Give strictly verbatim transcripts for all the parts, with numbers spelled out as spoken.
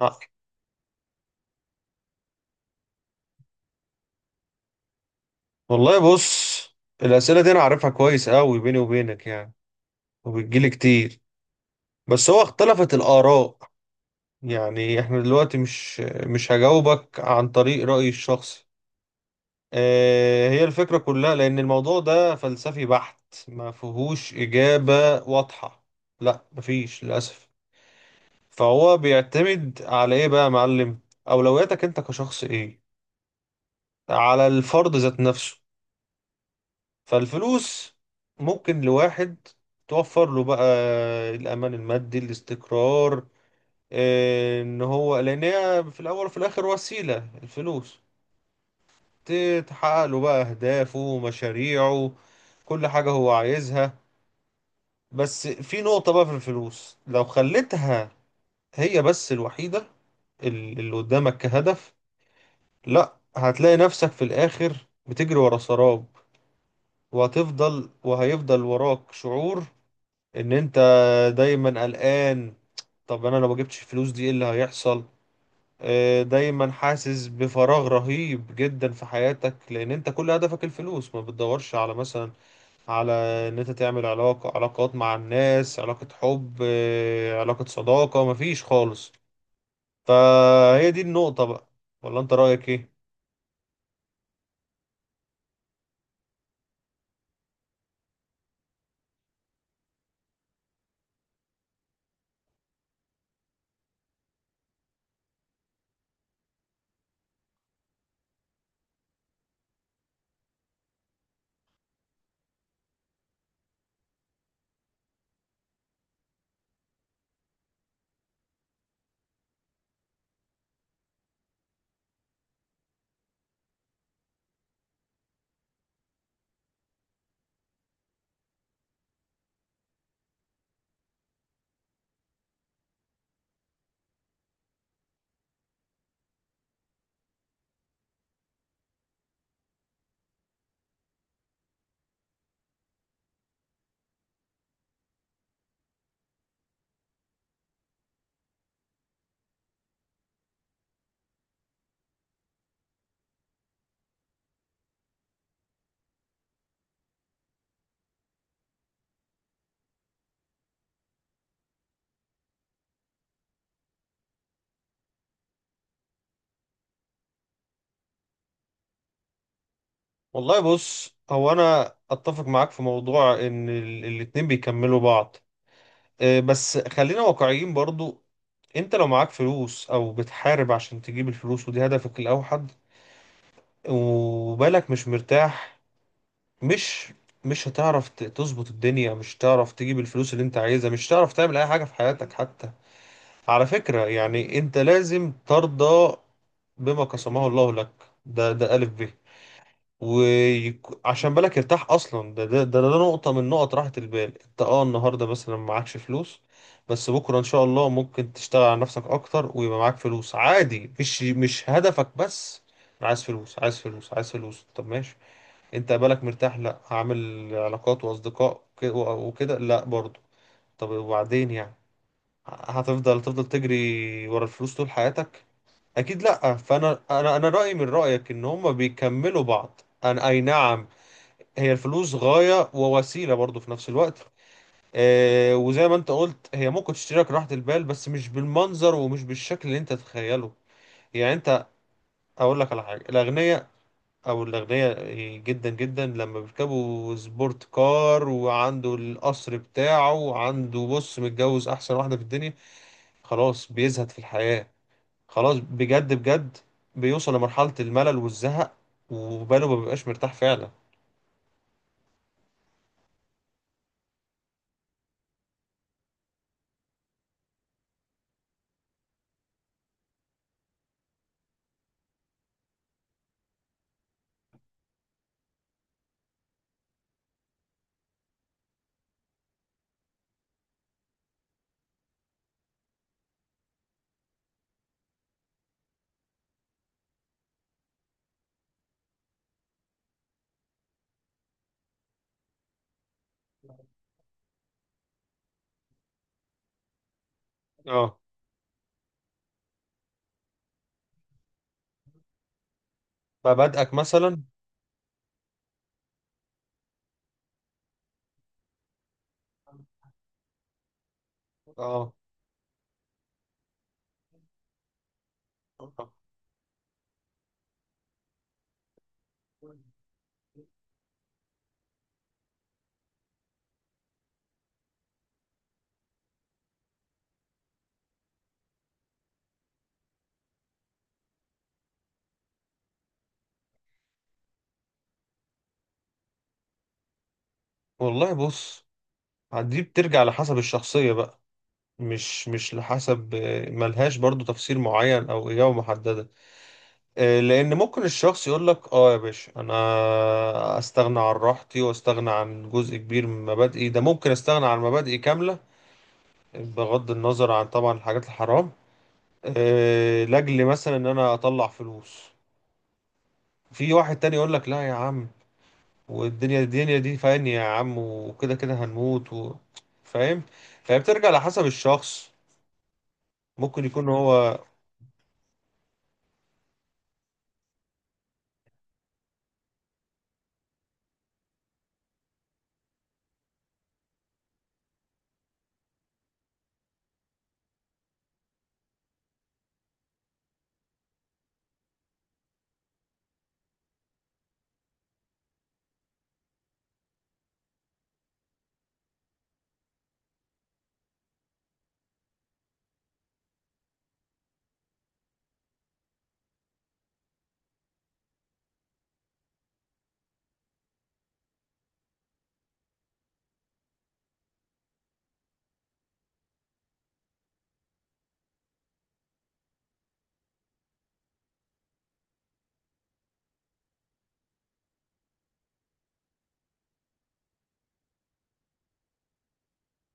آه. والله بص، الأسئلة دي أنا عارفها كويس أوي بيني وبينك، يعني، وبتجيلي كتير. بس هو اختلفت الآراء. يعني إحنا دلوقتي مش مش هجاوبك عن طريق رأيي الشخصي، آه هي الفكرة كلها، لأن الموضوع ده فلسفي بحت. ما فيهوش إجابة واضحة. لا، مفيش للأسف. فهو بيعتمد على إيه بقى يا معلم؟ أولوياتك أنت كشخص إيه، على الفرد ذات نفسه. فالفلوس ممكن لواحد توفر له بقى الأمان المادي، الاستقرار. آه، إن هو لأن هي في الأول وفي الآخر وسيلة، الفلوس ت- تحقق له بقى أهدافه، مشاريعه، كل حاجة هو عايزها. بس في نقطة بقى، في الفلوس لو خليتها هي بس الوحيدة ال- اللي قدامك كهدف، لا، هتلاقي نفسك في الآخر بتجري ورا سراب، وهتفضل وهيفضل وراك شعور ان انت دايما قلقان. طب انا لو ما جبتش الفلوس دي، ايه اللي هيحصل؟ آه، دايما حاسس بفراغ رهيب جدا في حياتك، لان انت كل هدفك الفلوس، ما بتدورش على مثلا، على ان انت تعمل علاقة علاقات مع الناس، علاقة حب، آه، علاقة صداقة، مفيش خالص. فهي دي النقطة بقى. ولا انت رأيك ايه؟ والله بص، هو انا اتفق معاك في موضوع ان ال- الاتنين بيكملوا بعض. آه، بس خلينا واقعيين برضو. انت لو معاك فلوس او بتحارب عشان تجيب الفلوس ودي هدفك الاوحد، وبالك مش مرتاح، مش مش هتعرف ت- تظبط الدنيا، مش هتعرف تجيب الفلوس اللي انت عايزها، مش هتعرف تعمل اي حاجة في حياتك حتى. على فكرة يعني، انت لازم ترضى بما قسمه الله لك. ده ده ألف ب. وعشان بالك يرتاح اصلا، ده ده, ده, ده نقطه من نقط راحه البال. انت، اه النهارده مثلا معكش فلوس، بس بكره ان شاء الله ممكن تشتغل على نفسك اكتر، ويبقى معاك فلوس عادي، مش مش هدفك بس. أنا عايز فلوس، عايز فلوس، عايز فلوس، طب ماشي، انت بالك مرتاح، لا هعمل علاقات واصدقاء وك- وكده، لا برضه. طب وبعدين يعني، هتفضل تفضل تجري ورا الفلوس طول حياتك؟ اكيد لا. فانا، انا انا رايي من رايك ان هما بيكملوا بعض. انا اي نعم. هي الفلوس غاية ووسيلة برضو في نفس الوقت. آه وزي ما انت قلت، هي ممكن تشتريك راحة البال، بس مش بالمنظر ومش بالشكل اللي انت تتخيله. يعني انت، اقول لك على حاجة. الاغنياء، او الاغنياء جدا جدا، لما بيركبوا سبورت كار وعنده القصر بتاعه، وعنده بص متجوز احسن واحدة في الدنيا، خلاص بيزهد في الحياة. خلاص، بجد بجد، بيوصل لمرحلة الملل والزهق، وباله ما بيبقاش مرتاح فعلا. اه، فبدأك مثلا. اه، والله بص، دي بترجع لحسب الشخصية بقى. مش مش لحسب، آه، ملهاش برضو تفسير معين او اجابة محددة. آه، لان ممكن الشخص يقول لك اه يا باشا، انا استغنى عن راحتي، واستغنى عن جزء كبير من مبادئي، ده ممكن استغنى عن مبادئي كاملة، بغض النظر عن طبعا الحاجات الحرام، آه، لاجل مثلا ان انا اطلع فلوس. في واحد تاني يقول لك لا يا عم، والدنيا الدنيا دي فاهم يا عم، وكده كده هنموت و... فاهم. فهي بترجع لحسب الشخص. ممكن يكون هو.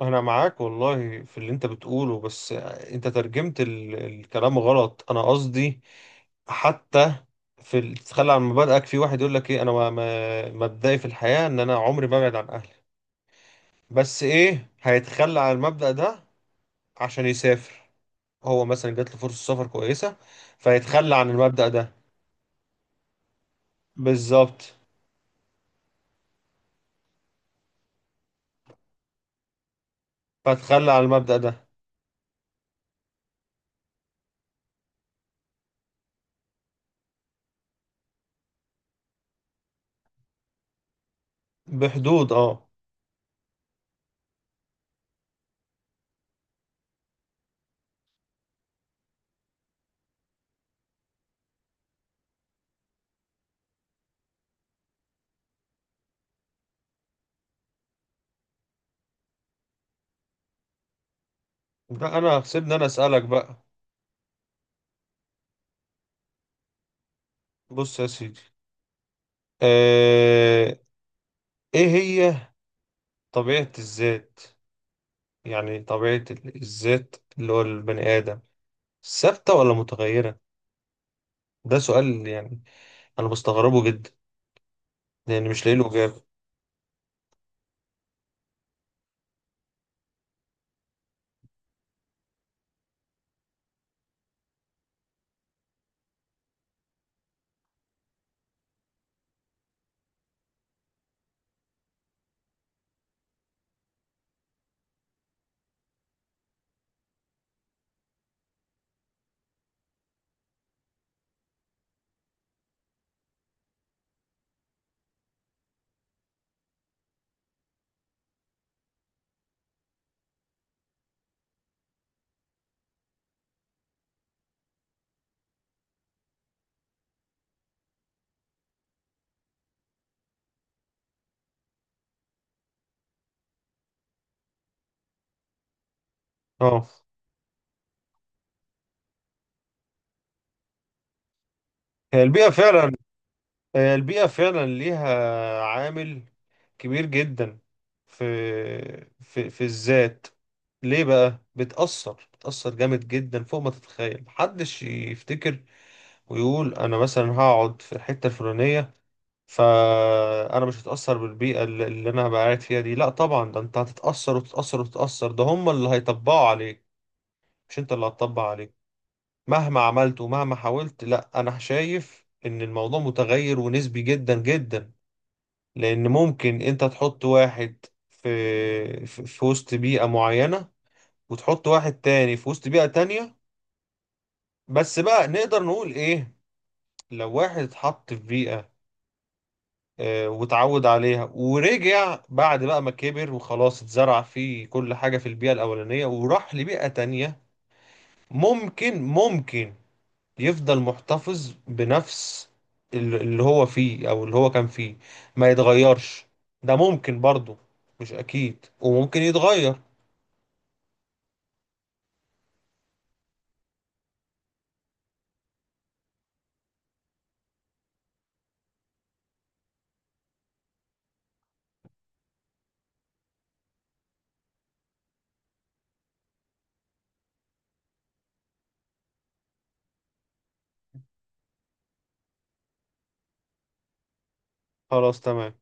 انا معاك والله في اللي انت بتقوله، بس انت ترجمت ال... الكلام غلط، انا قصدي، حتى في ال- تتخلى عن مبادئك، في واحد يقول لك ايه، انا ما... ما... مبدئي في الحياة ان انا عمري ما ابعد عن اهلي، بس ايه، هيتخلى عن المبدأ ده عشان يسافر، هو مثلا جات له فرصة سفر كويسة، فيتخلى عن المبدأ ده. بالظبط. فاتخلى عن المبدأ ده بحدود، اه. لا، انا سيبني انا اسألك بقى. بص يا سيدي، آه... ايه هي طبيعة الذات، يعني طبيعة ال- الذات، اللي هو البني آدم، ثابتة ولا متغيرة؟ ده سؤال، يعني انا مستغربه جدا، لان مش لاقي له اجابة. اه، هي البيئة فعلا. هي البيئة فعلا ليها عامل كبير جدا في في في الذات. ليه بقى، بتأثر بتأثر جامد جدا فوق ما تتخيل. محدش يفتكر ويقول انا مثلا هقعد في الحتة الفلانية، فانا مش هتأثر بالبيئة اللي اللي انا هبقى قاعد فيها دي. لا طبعا، ده انت هتتأثر وتتأثر وتتأثر. ده هم اللي هيطبقوا عليك، مش انت اللي هتطبق عليك، مهما عملت ومهما حاولت. لا، انا شايف ان الموضوع متغير ونسبي جدا جدا. لأن ممكن أنت تحط واحد في في في وسط بيئة معينة، وتحط واحد تاني في وسط بيئة تانية. بس بقى نقدر نقول إيه، لو واحد اتحط في بيئة، آه، واتعود عليها، ورجع بعد بقى ما كبر وخلاص اتزرع فيه كل حاجة في البيئة الأولانية، وراح لبيئة تانية، ممكن ممكن يفضل محتفظ بنفس ال- اللي هو فيه، أو اللي هو كان فيه، ما يتغيرش. ده ممكن برضه، مش أكيد، وممكن يتغير. خلاص، تمام.